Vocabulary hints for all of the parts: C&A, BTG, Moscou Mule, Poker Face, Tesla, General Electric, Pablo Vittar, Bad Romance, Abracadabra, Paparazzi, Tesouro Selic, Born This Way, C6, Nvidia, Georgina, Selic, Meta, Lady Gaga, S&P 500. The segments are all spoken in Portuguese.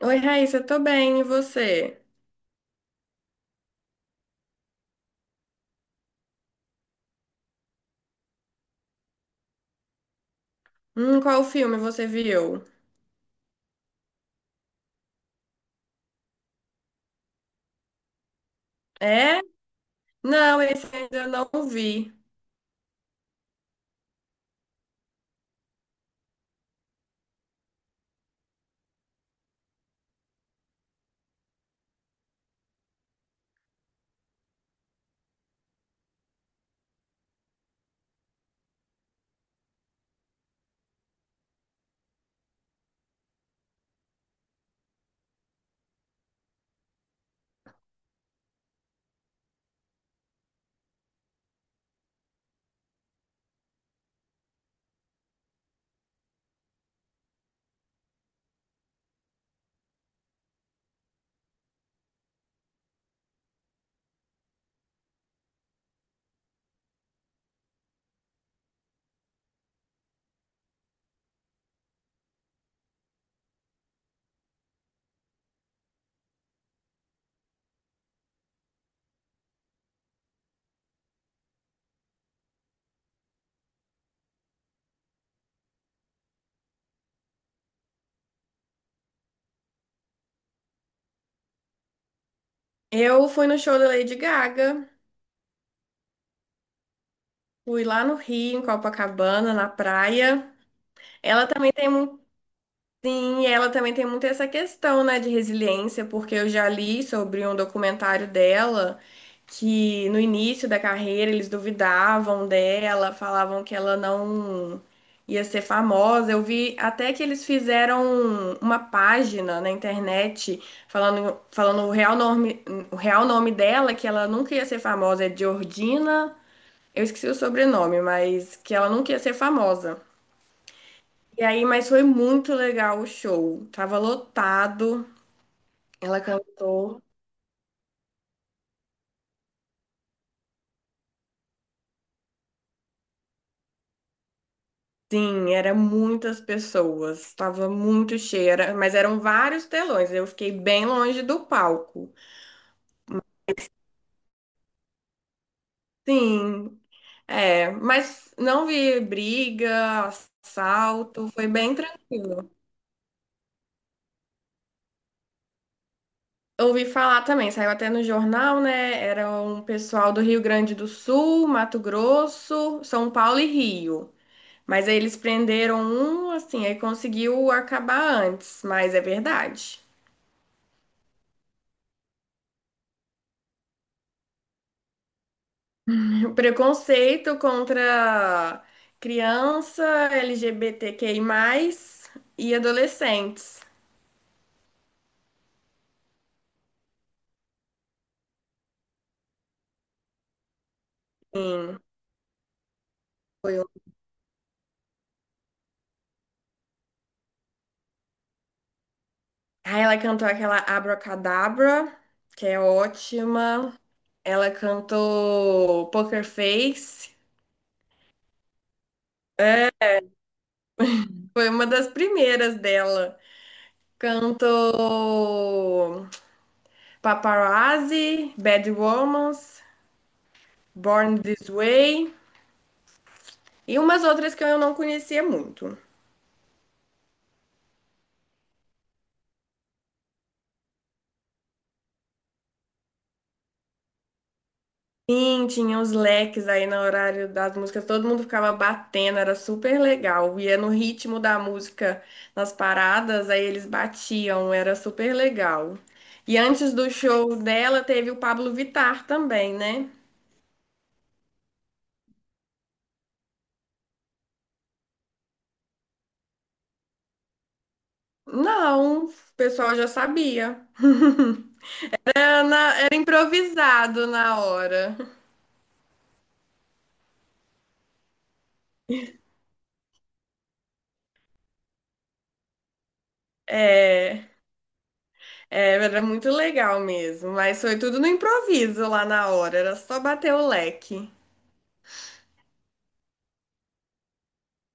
Oi, Raíssa, tô bem, e você? Qual filme você viu? É? Não, esse ainda não vi. Eu fui no show da Lady Gaga, fui lá no Rio, em Copacabana, na praia. Ela também tem Sim, e ela também tem muito essa questão, né, de resiliência, porque eu já li sobre um documentário dela que no início da carreira eles duvidavam dela, falavam que ela não ia ser famosa. Eu vi até que eles fizeram uma página na internet falando o real nome dela, que ela nunca ia ser famosa, é Georgina, eu esqueci o sobrenome, mas que ela nunca ia ser famosa. E aí, mas foi muito legal o show. Tava lotado. Ela cantou. Sim, era muitas pessoas. Tava muito cheia, mas eram vários telões. Eu fiquei bem longe do palco. Sim, é, mas não vi briga, assalto, foi bem tranquilo. Ouvi falar também, saiu até no jornal, né? Era um pessoal do Rio Grande do Sul, Mato Grosso, São Paulo e Rio. Mas aí eles prenderam um, assim, aí conseguiu acabar antes, mas é verdade. Preconceito contra criança, LGBTQI+, e adolescentes. Sim, foi um... Aí ela cantou aquela Abracadabra, que é ótima. Ela cantou Poker Face, foi uma das primeiras dela. Cantou Paparazzi, Bad Romance. Born This Way e umas outras que eu não conhecia muito. Sim, tinha os leques aí no horário das músicas, todo mundo ficava batendo, era super legal. Ia no ritmo da música nas paradas, aí eles batiam, era super legal. E antes do show dela teve o Pablo Vittar também, né? Não, o pessoal já sabia. Era, era improvisado na hora. É. É, era muito legal mesmo, mas foi tudo no improviso lá na hora, era só bater o leque.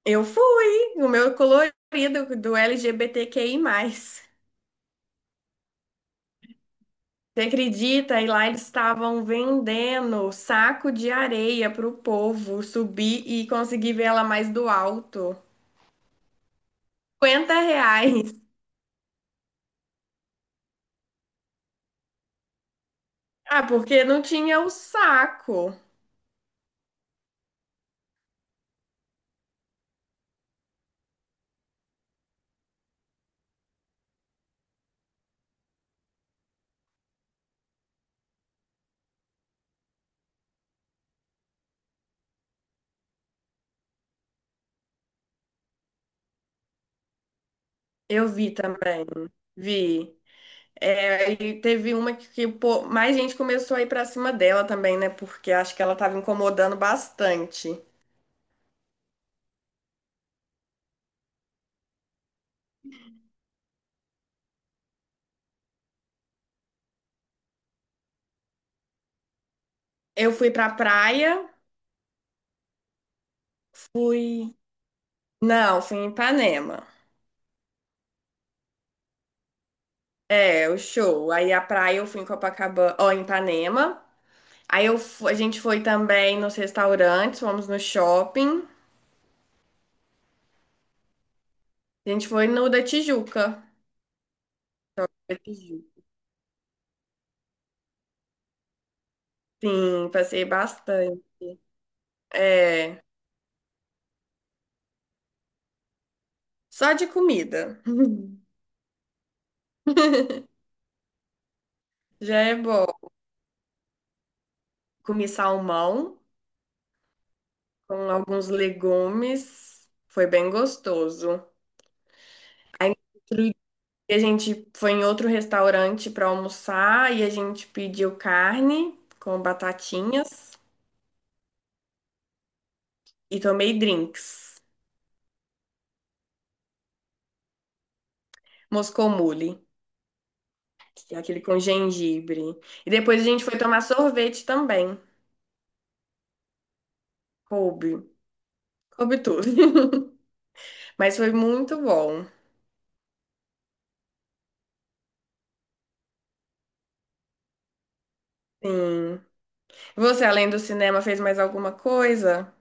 Eu fui, o meu colorido do LGBTQI+. Você acredita? E lá eles estavam vendendo saco de areia pro povo subir e conseguir ver ela mais do alto. R$ 50. Ah, porque não tinha o saco. Eu vi também, vi. É, e teve uma pô, mais gente começou a ir pra cima dela também, né? Porque acho que ela tava incomodando bastante. Eu fui pra praia, fui. Não, fui em Ipanema. É, o show. Aí a praia eu fui em Copacabana, ó, em Ipanema. A gente foi também nos restaurantes, fomos no shopping. A gente foi no da Tijuca. Da Tijuca. Sim, passei bastante. É, só de comida. Já é bom. Comi salmão com alguns legumes. Foi bem gostoso. Aí, no outro dia, a gente foi em outro restaurante para almoçar e a gente pediu carne com batatinhas e tomei drinks. Moscou Mule, que é aquele com gengibre. E depois a gente foi tomar sorvete também. Coube. Coube tudo. Mas foi muito bom. Sim. Você, além do cinema, fez mais alguma coisa?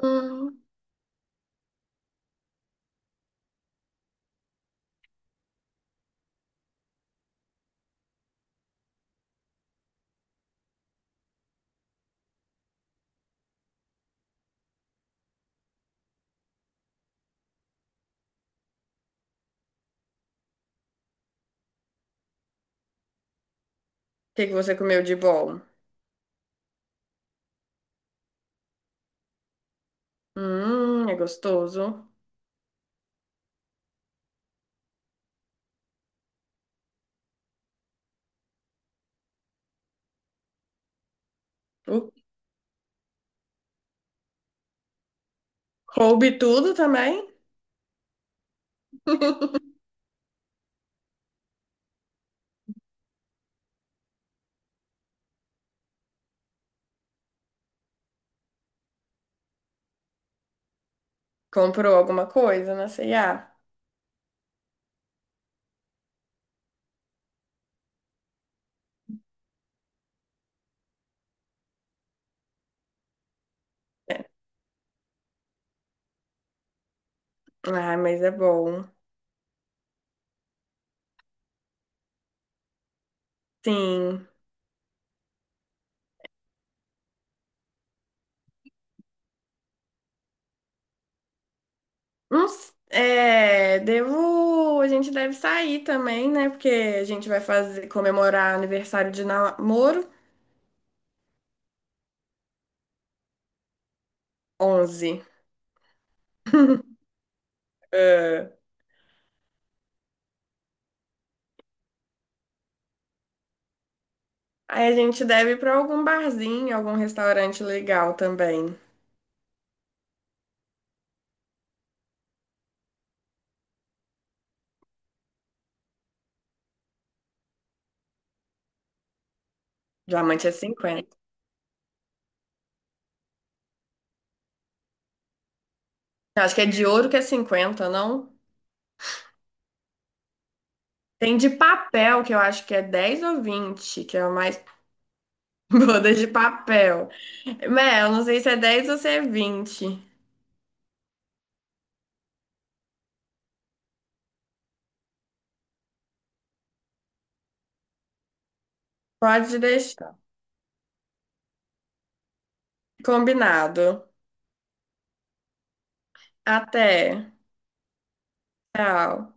Hum. O que que você comeu de bom? É gostoso. Uh, Coube tudo também. Comprou alguma coisa na C&A? Ah, mas é bom. Sim. É, devo. A gente deve sair também, né? Porque a gente vai fazer comemorar aniversário de namoro 11. É. Aí a gente deve ir pra algum barzinho, algum restaurante legal também. Diamante é 50. Eu acho que é de ouro que é 50, não? Tem de papel, que eu acho que é 10 ou 20 que é o mais. Boda de papel. Mel, eu não sei se é 10 ou se é 20. Pode deixar. Combinado. Até. Tchau.